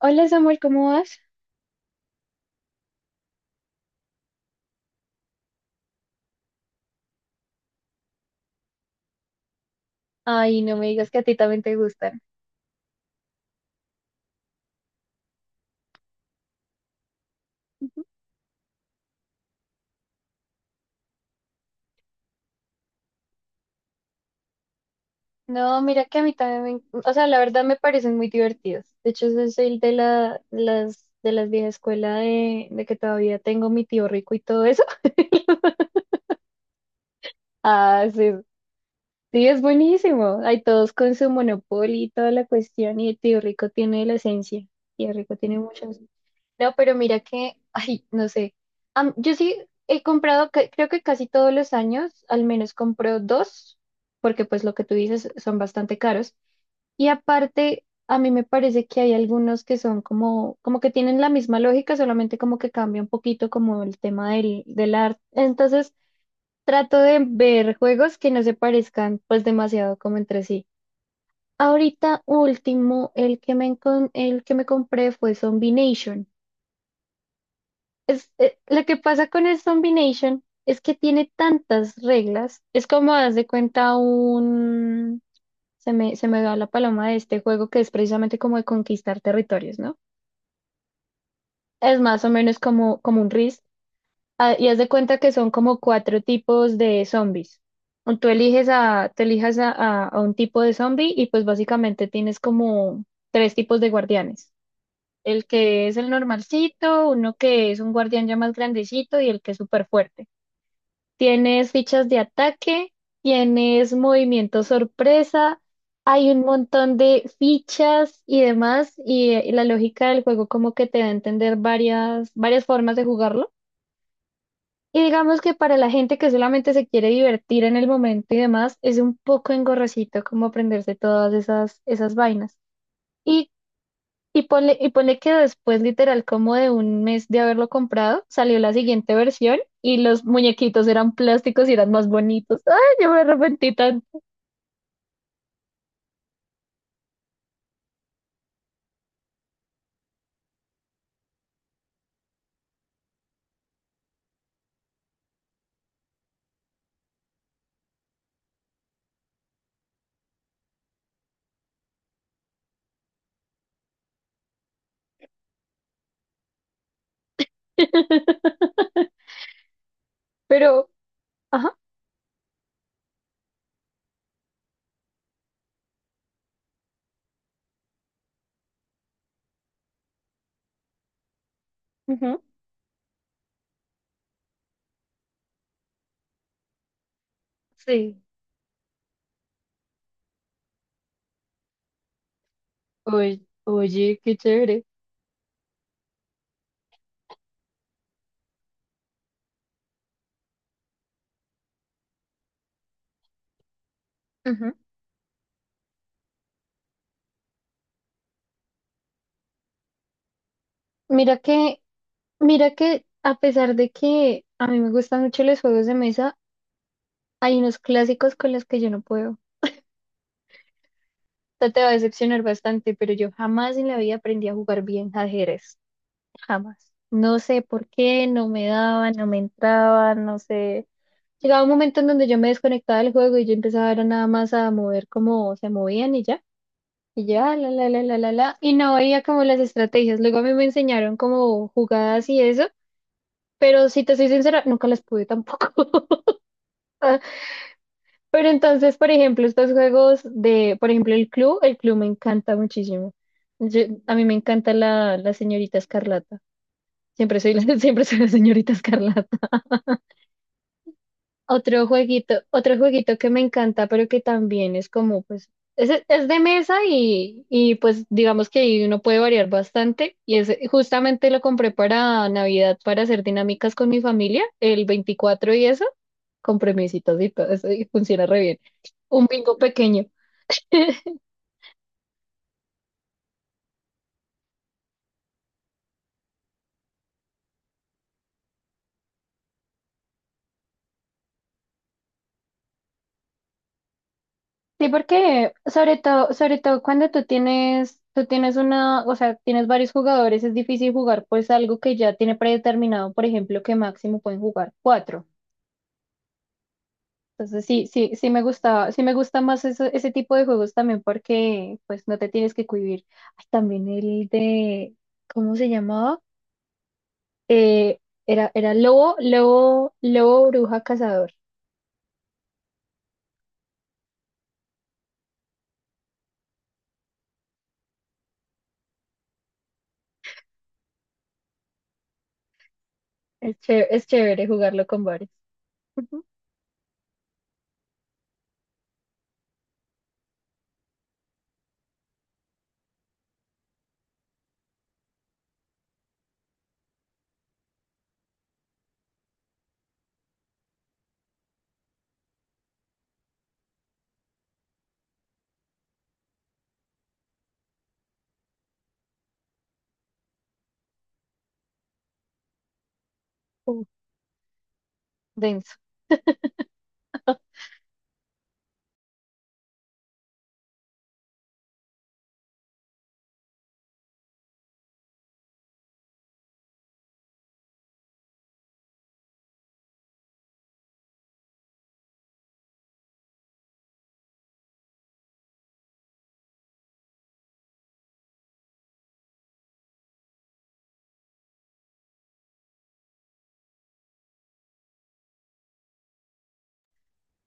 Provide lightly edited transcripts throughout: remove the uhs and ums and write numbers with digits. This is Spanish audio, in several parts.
Hola Samuel, ¿cómo vas? Ay, no me digas que a ti también te gustan. Ujú. No, mira que a mí también o sea, la verdad me parecen muy divertidos. De hecho, yo soy de de las vieja escuela de que todavía tengo mi tío rico y todo eso. Ah, sí, sí, es buenísimo. Hay todos con su monopolio y toda la cuestión y el tío rico tiene la esencia. Tío rico tiene mucho. No, pero mira que, ay, no sé. Yo sí he comprado, creo que casi todos los años, al menos compro dos, porque pues lo que tú dices son bastante caros. Y aparte, a mí me parece que hay algunos que son como que tienen la misma lógica, solamente como que cambia un poquito como el tema del arte. Entonces, trato de ver juegos que no se parezcan pues demasiado como entre sí. Ahorita último, el el que me compré fue Zombie Nation. Es, lo que pasa con el Zombie Nation es que tiene tantas reglas. Es como, haz de cuenta, un... se me va la paloma de este juego que es precisamente como de conquistar territorios, ¿no? Es más o menos como un RIS. Ah, y haz de cuenta que son como cuatro tipos de zombies. O Tú eliges a, te elijas a un tipo de zombie y pues básicamente tienes como tres tipos de guardianes. El que es el normalcito, uno que es un guardián ya más grandecito y el que es súper fuerte. Tienes fichas de ataque, tienes movimiento sorpresa, hay un montón de fichas y demás, y, la lógica del juego como que te da a entender varias formas de jugarlo. Y digamos que para la gente que solamente se quiere divertir en el momento y demás, es un poco engorrosito como aprenderse todas esas vainas. Y y ponle que después, literal, como de un mes de haberlo comprado, salió la siguiente versión y los muñequitos eran plásticos y eran más bonitos. Ay, yo me arrepentí tanto. Pero, ajá, ujú, sí. Oye, oye, qué chévere. Ujú. Mira que, mira que a pesar de que a mí me gustan mucho los juegos de mesa, hay unos clásicos con los que yo no puedo. O sea, te va a decepcionar bastante, pero yo jamás en la vida aprendí a jugar bien ajedrez. Jamás. No sé por qué, no me daba, no me entraba, no sé. Llegaba un momento en donde yo me desconectaba del juego y yo empezaba era nada más a mover como se movían y ya. Y ya, la Y no veía como las estrategias. Luego a mí me enseñaron como jugadas y eso. Pero si te soy sincera, nunca las pude tampoco. Ah, pero entonces, por ejemplo, estos juegos de, por ejemplo, el club me encanta muchísimo. A mí me encanta la señorita Escarlata. Siempre soy la, siempre soy la señorita Escarlata. Otro jueguito que me encanta, pero que también es como, pues, es de mesa y pues digamos que ahí uno puede variar bastante. Y es, justamente lo compré para Navidad para hacer dinámicas con mi familia, el veinticuatro y eso, con premiecitos y todo eso, y funciona re bien. Un bingo pequeño. Sí, porque sobre todo cuando tú tienes una, o sea, tienes varios jugadores, es difícil jugar pues algo que ya tiene predeterminado, por ejemplo, que máximo pueden jugar cuatro. Entonces sí, sí, sí me gusta más ese tipo de juegos también porque pues no te tienes que cohibir. Ay, también el de, ¿cómo se llamaba? Eh, era, era Lobo Bruja Cazador. Es chévere jugarlo con varios. Ujú. Uh, denso.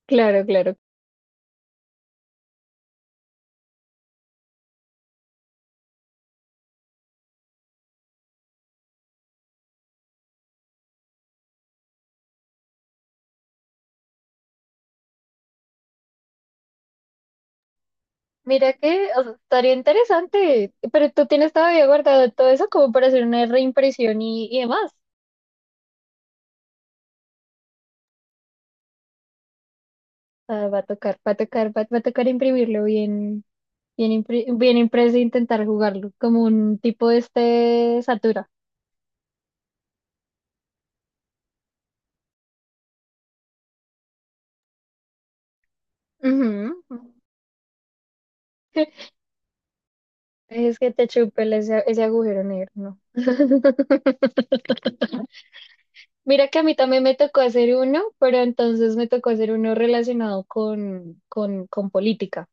Claro, claro. Mira que o sea, estaría interesante, pero tú tienes todavía guardado todo eso como para hacer una reimpresión y demás. Ah, va a tocar, va a tocar, va a tocar imprimirlo bien. Bien impreso, intentar jugarlo, como un tipo de este Satura. Ujú. Es que te chupe ese, ese agujero negro, ¿no? Mira que a mí también me tocó hacer uno, pero entonces me tocó hacer uno relacionado con política.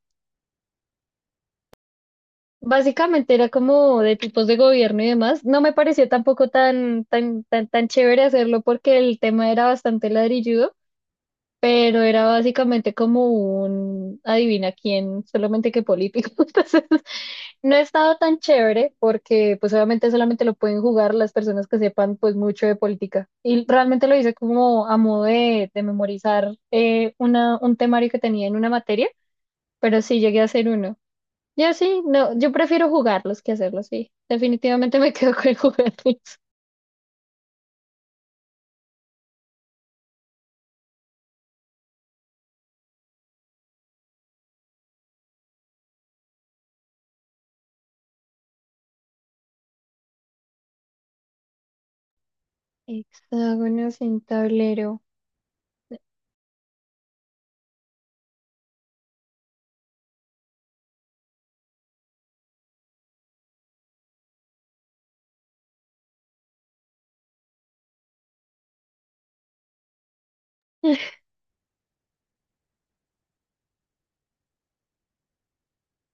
Básicamente era como de tipos de gobierno y demás. No me pareció tampoco tan chévere hacerlo porque el tema era bastante ladrilludo, pero era básicamente como un adivina quién, solamente que político. Entonces, no he estado tan chévere porque pues obviamente solamente lo pueden jugar las personas que sepan pues mucho de política. Y realmente lo hice como a modo de memorizar una, un temario que tenía en una materia, pero sí llegué a hacer uno. Yo sí, no, yo prefiero jugarlos que hacerlos, sí. Definitivamente me quedo con jugarlos. Hexágonos en tablero.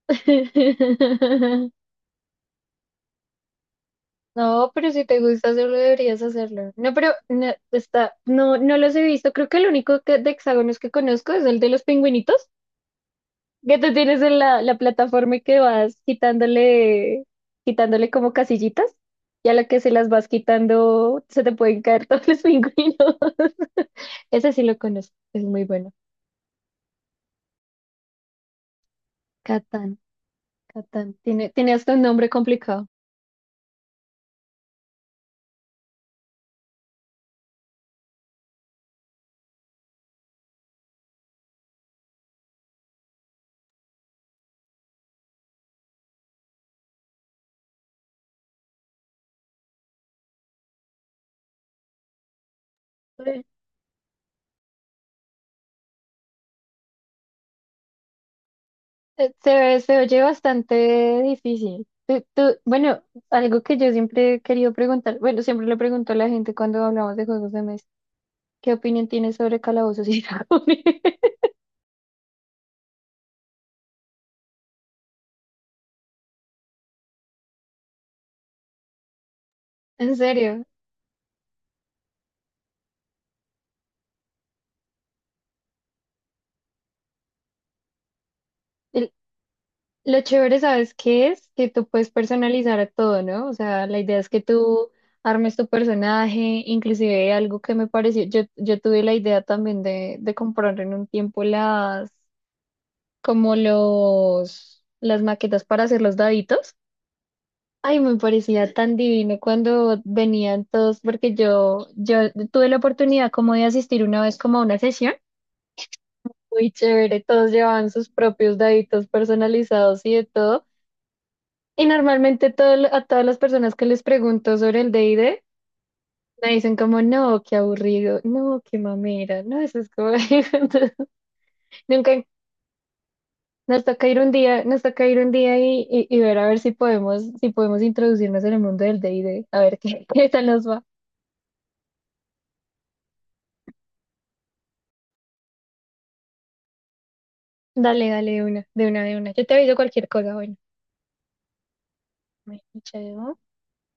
No, pero si te gusta hacerlo, deberías hacerlo. No, pero no, está, no, no los he visto. Creo que de hexágonos que conozco es el de los pingüinitos, que tú tienes en la plataforma y que vas quitándole, quitándole como casillitas, y a la que se las vas quitando, se te pueden caer todos los pingüinos. Ese sí lo conozco, es muy bueno. Catán, Catán. Tiene, tiene hasta un nombre complicado. Se ve, se oye bastante difícil. Bueno, algo que yo siempre he querido preguntar, bueno, siempre le pregunto a la gente cuando hablamos de juegos de mesa, ¿qué opinión tienes sobre Calabozos y Dragones? En serio, el- lo chévere, ¿sabes qué es? Que tú puedes personalizar a todo, ¿no? O sea, la idea es que tú armes tu personaje, inclusive algo que me pareció, yo tuve la idea también de comprar en un tiempo las, como las maquetas para hacer los daditos. Ay, me parecía tan divino cuando venían todos, porque yo tuve la oportunidad como de asistir una vez como a una sesión. Muy chévere, todos llevaban sus propios daditos personalizados y de todo. Y normalmente todo, a todas las personas que les pregunto sobre el D&D, me dicen como, no, qué aburrido, no, qué mamera, no, eso es como... Entonces, nunca, nos toca ir un día, nos toca ir un día y ver a ver si podemos, si podemos introducirnos en el mundo del D&D, a ver qué, qué tal nos va. Dale, dale, de una, de una, de una. Yo te aviso cualquier cosa, bueno. Bueno, chao.